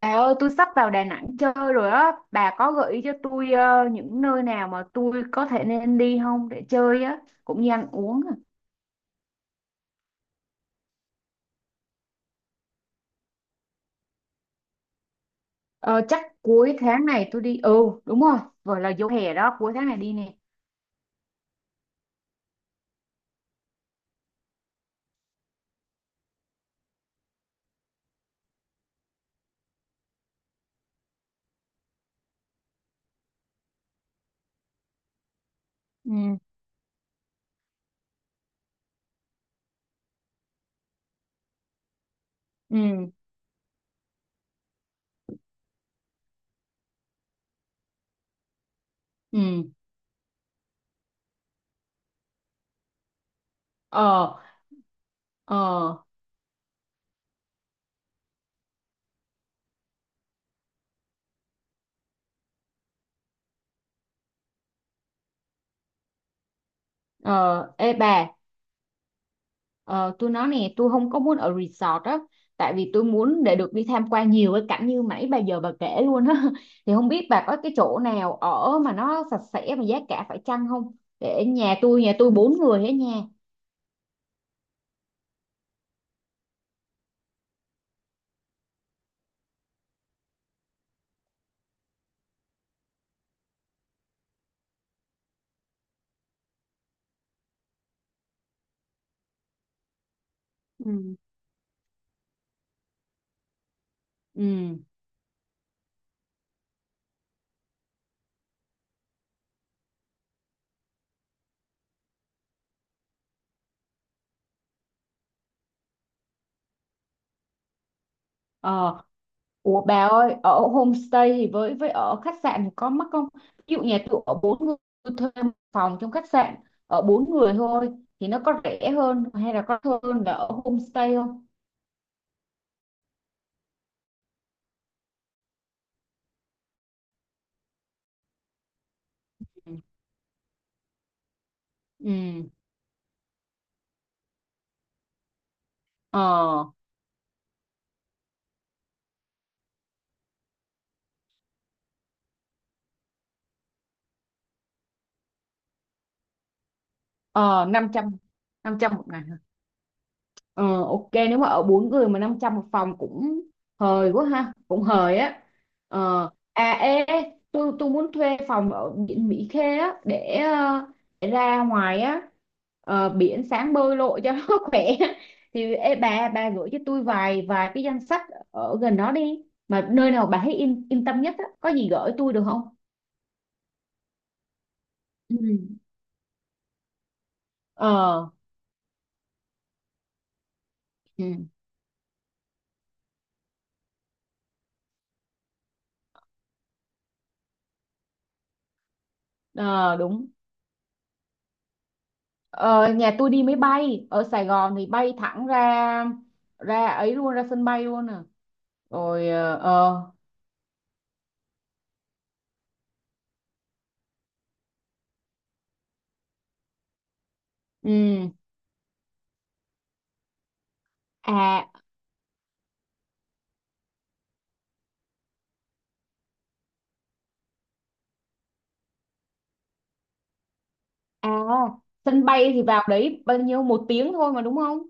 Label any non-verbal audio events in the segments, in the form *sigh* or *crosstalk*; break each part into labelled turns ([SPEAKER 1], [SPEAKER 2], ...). [SPEAKER 1] Bà ơi, tôi sắp vào Đà Nẵng chơi rồi á. Bà có gợi ý cho tôi những nơi nào mà tôi có thể nên đi không để chơi á, cũng như ăn uống à. Ờ, chắc cuối tháng này tôi đi. Ừ, đúng rồi, vừa là vô hè đó, cuối tháng này đi nè. Ừ, ừ, ừ. Ờ, ờ, ờ. Ê bà, Ờ, tôi nói nè, tôi không có muốn ở resort á, tại vì tôi muốn để được đi tham quan nhiều cái cảnh như nãy bà giờ bà kể luôn á. *laughs* Thì không biết bà có cái chỗ nào ở mà nó sạch sẽ mà giá cả phải chăng không, để nhà tôi 4 người ở. Nhà. Ừ. Ừ. Ờ. Ủa bà ơi, ở homestay thì với ở khách sạn thì có mắc không? Ví dụ nhà tôi ở 4 người, tôi thuê 1 phòng trong khách sạn, ở bốn người thôi, thì nó có rẻ hơn hay là có hơn là ở homestay không? Ừ. Ừ. Ờ. Ờ, 500, 500 một ngày hả? Ờ, ok, nếu mà ở 4 người mà 500 một phòng cũng hời quá ha, cũng hời á. Ờ, à, ê ê, tôi muốn thuê phòng ở biển Mỹ Khê á để, để ra ngoài á. Ờ, biển sáng bơi lội cho *laughs* nó khỏe. Thì ê, bà gửi cho tôi vài vài cái danh sách ở gần đó đi, mà nơi nào bà thấy yên yên tâm nhất á, có gì gửi tôi được không? Ừ. Ờ. Ừ. Ờ, đúng. Ờ, nhà tôi đi máy bay, ở Sài Gòn thì bay thẳng ra, ra ấy luôn, ra sân bay luôn à. Rồi ừ. À, à, sân bay thì vào đấy bao nhiêu 1 tiếng thôi mà, đúng không?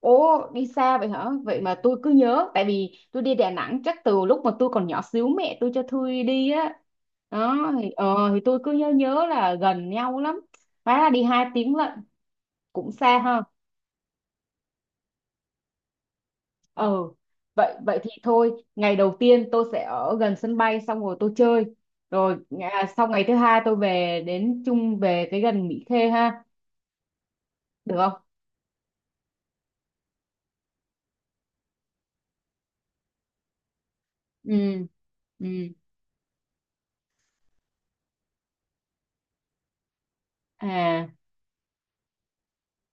[SPEAKER 1] Ồ, đi xa vậy hả? Vậy mà tôi cứ nhớ, tại vì tôi đi Đà Nẵng chắc từ lúc mà tôi còn nhỏ xíu, mẹ tôi cho tôi đi á. Đó thì thì tôi cứ nhớ nhớ là gần nhau lắm, hóa là đi 2 tiếng lận, cũng xa ha. Ờ, vậy vậy thì thôi, ngày đầu tiên tôi sẽ ở gần sân bay xong rồi tôi chơi. Rồi à, sau ngày thứ hai tôi về đến chung, về cái gần Mỹ Khê ha, được không? Ừ. Ừ. À,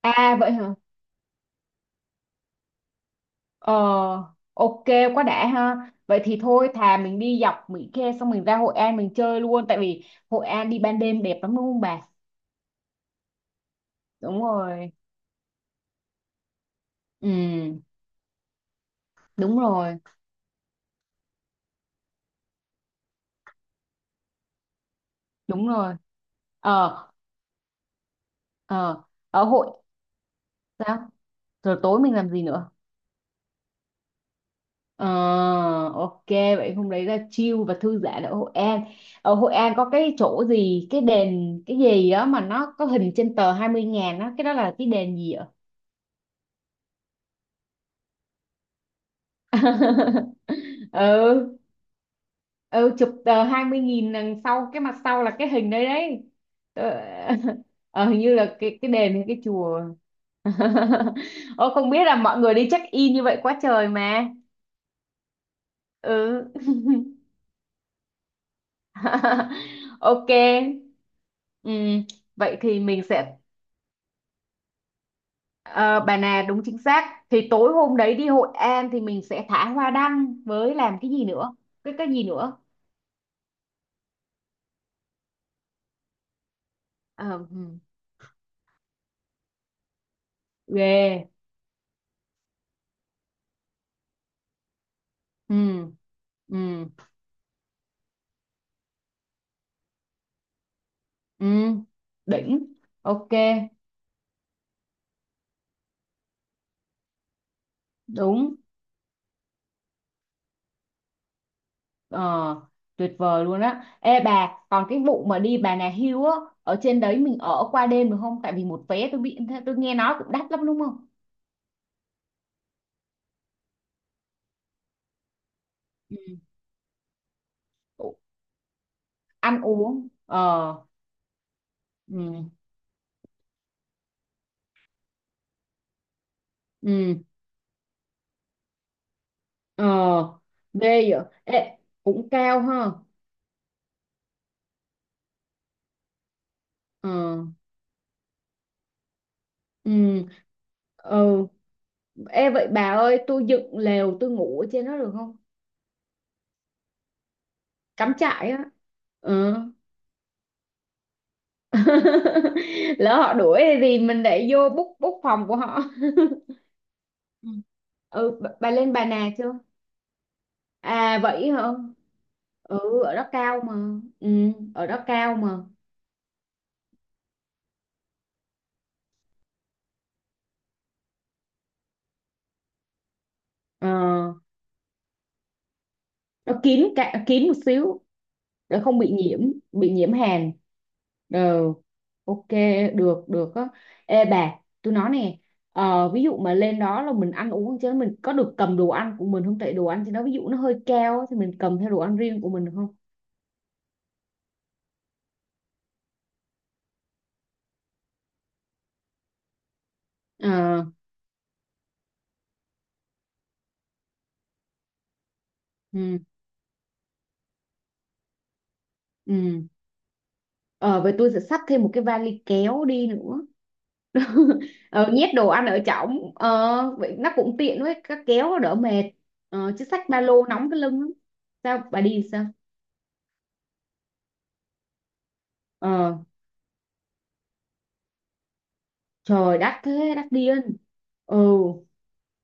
[SPEAKER 1] à vậy hả? Ờ, ok, quá đã ha. Vậy thì thôi, thà mình đi dọc Mỹ Khê xong mình ra Hội An mình chơi luôn, tại vì Hội An đi ban đêm đẹp lắm đúng không bà? Đúng rồi. Ừ, đúng rồi, đúng rồi. Ờ, ờ, ở Hội, sao? Rồi tối mình làm gì nữa? Ờ, ok, vậy hôm đấy là chill và thư giãn ở Hội An. Ở Hội An có cái chỗ gì, cái đền cái gì đó mà nó có hình trên tờ 20.000 đó, cái đó là cái đền gì ạ? *laughs* Ừ, ừ, chụp tờ 20.000, đằng sau cái mặt sau là cái hình đấy đấy. Ờ, *laughs* ờ, hình như là cái đền hay cái chùa. *laughs* Ô, không biết là mọi người đi check in như vậy quá trời mà. Ừ. *laughs* *laughs* Ok. Ừm, vậy thì mình sẽ ờ, bà nè, đúng chính xác. Thì tối hôm đấy đi Hội An thì mình sẽ thả hoa đăng với làm cái gì nữa? Cái gì nữa? Ờ, ghê. Ừm, ừm, ừm, đỉnh. Ok, đúng. Ờ, tuyệt vời luôn á. Ê bà, còn cái vụ mà đi Bà Nà Hills á, ở trên đấy mình ở qua đêm được không? Tại vì một vé tôi bị, tôi nghe nói cũng đắt lắm đúng không? Ừ. Ăn uống. Ờ. Ừ. Ừ. Ờ, ghê vậy. Ê, cũng cao ha. Ờ. Ừ. Ừ. Ê, vậy bà ơi, tôi dựng lều tôi ngủ ở trên đó được không? Cắm trại á. Ừ. *laughs* Lỡ họ đuổi thì mình để vô bút bút phòng của họ. *laughs* Ừ. Ừ, bà lên Bà Nà chưa? À vậy hả. Ừ, ở đó cao mà. Ừ, ở đó cao mà. Ờ, nó kín, cả kín một xíu, để không bị nhiễm, bị nhiễm hàn. Ờ, ok, được, được á. Ê bà, tôi nói nè, ví dụ mà lên đó là mình ăn uống, chứ mình có được cầm đồ ăn của mình không, tại đồ ăn trên đó ví dụ nó hơi cao á, thì mình cầm theo đồ ăn riêng của mình được không? Ờ. Ừ. Ừ. Ờ vậy tôi sẽ xách thêm một cái vali kéo đi nữa. *laughs* Ờ, nhét đồ ăn ở trong, vậy nó cũng tiện, với các kéo nó đỡ mệt. Ờ, chứ xách ba lô nóng cái lưng lắm. Sao bà đi sao? Ờ, trời đắt thế, đắt điên. Ừ,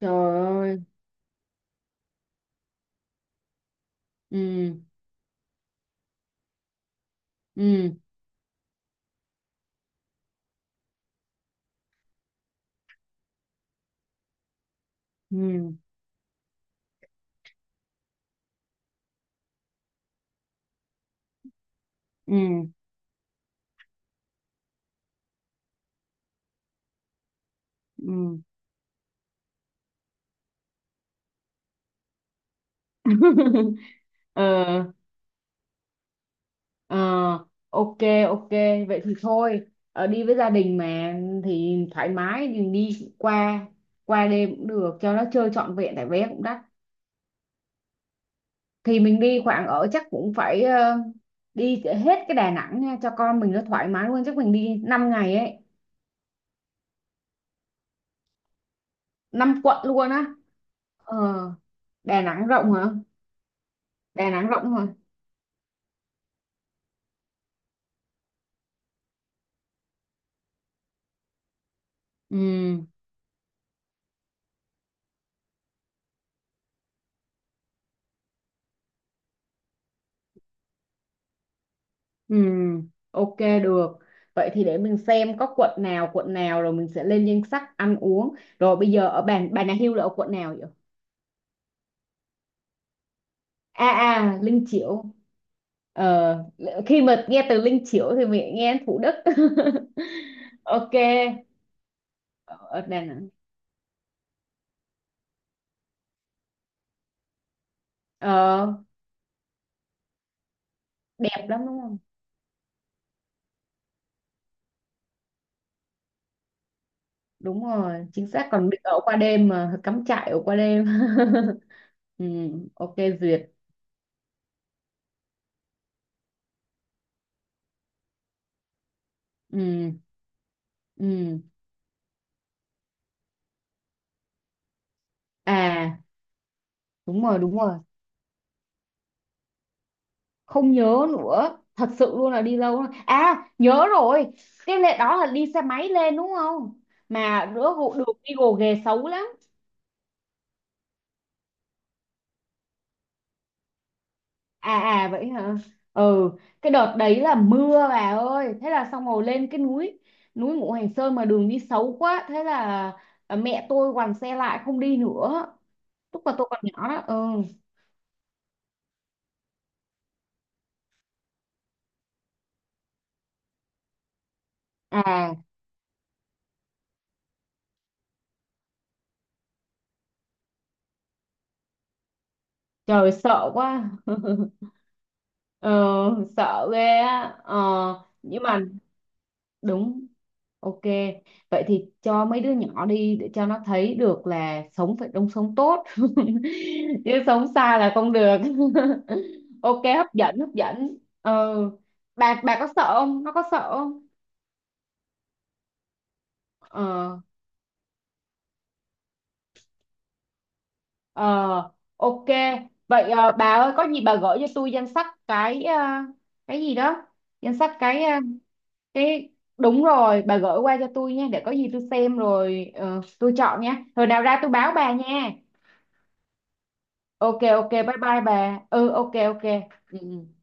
[SPEAKER 1] trời ơi. Ừ. Ừ. Ừ. Ừ. Ừ. *laughs* Ờ. Ờ, ok, ok, vậy thì thôi, đi với gia đình mà, thì thoải mái mình đi qua, qua đêm cũng được cho nó chơi trọn vẹn, tại vé cũng đắt. Thì mình đi khoảng ở chắc cũng phải đi hết cái Đà Nẵng nha, cho con mình nó thoải mái luôn, chắc mình đi 5 ngày ấy. 5 quận luôn á? Ờ. Đà Nẵng rộng hả? Đà Nẵng rộng hả? Ừ, ừ, ok, được. Vậy thì để mình xem có quận nào rồi mình sẽ lên danh sách ăn uống. Rồi bây giờ ở bàn Bà Nà Hills là ở quận nào vậy? À à, Linh Chiểu. Ờ, khi mà nghe từ Linh Chiểu thì mình nghe Thủ Đức. *laughs* Ok. Ở Đà Nẵng. Ờ, đẹp lắm đúng không? Đúng rồi, chính xác, còn được ở qua đêm mà, cắm trại ở qua đêm. *laughs* Ừ, ok, duyệt. Ừ, ừ. À, đúng rồi, đúng rồi. Không nhớ nữa, thật sự luôn là đi lâu rồi à, nhớ rồi. Cái lệ đó là đi xe máy lên đúng không, mà rửa vụ đường đi gồ ghề xấu lắm. À à vậy hả. Ừ, cái đợt đấy là mưa bà ơi, thế là xong rồi, lên cái núi, núi Ngũ Hành Sơn mà đường đi xấu quá, thế là à, mẹ tôi quằn xe lại không đi nữa, lúc mà tôi còn nhỏ đó. Ừ. À, trời sợ quá. *laughs* Ờ, sợ ghê á. Ờ, nhưng mà đúng. Ok, vậy thì cho mấy đứa nhỏ đi để cho nó thấy được là sống phải đông sống tốt, *laughs* chứ sống xa là không được. *laughs* Ok, hấp dẫn, hấp dẫn. Ờ, bà có sợ không, nó có sợ không? Ờ. Ờ, ok, vậy bà ơi, có gì bà gửi cho tôi danh sách cái, cái gì đó, danh sách cái ờ, cái đúng rồi, bà gửi qua cho tôi nha, để có gì tôi xem rồi tôi chọn nha, rồi nào ra tôi báo bà nha. Ok, ok, bye bye bà. Ừ, ok, ok. Ừ. Ừ.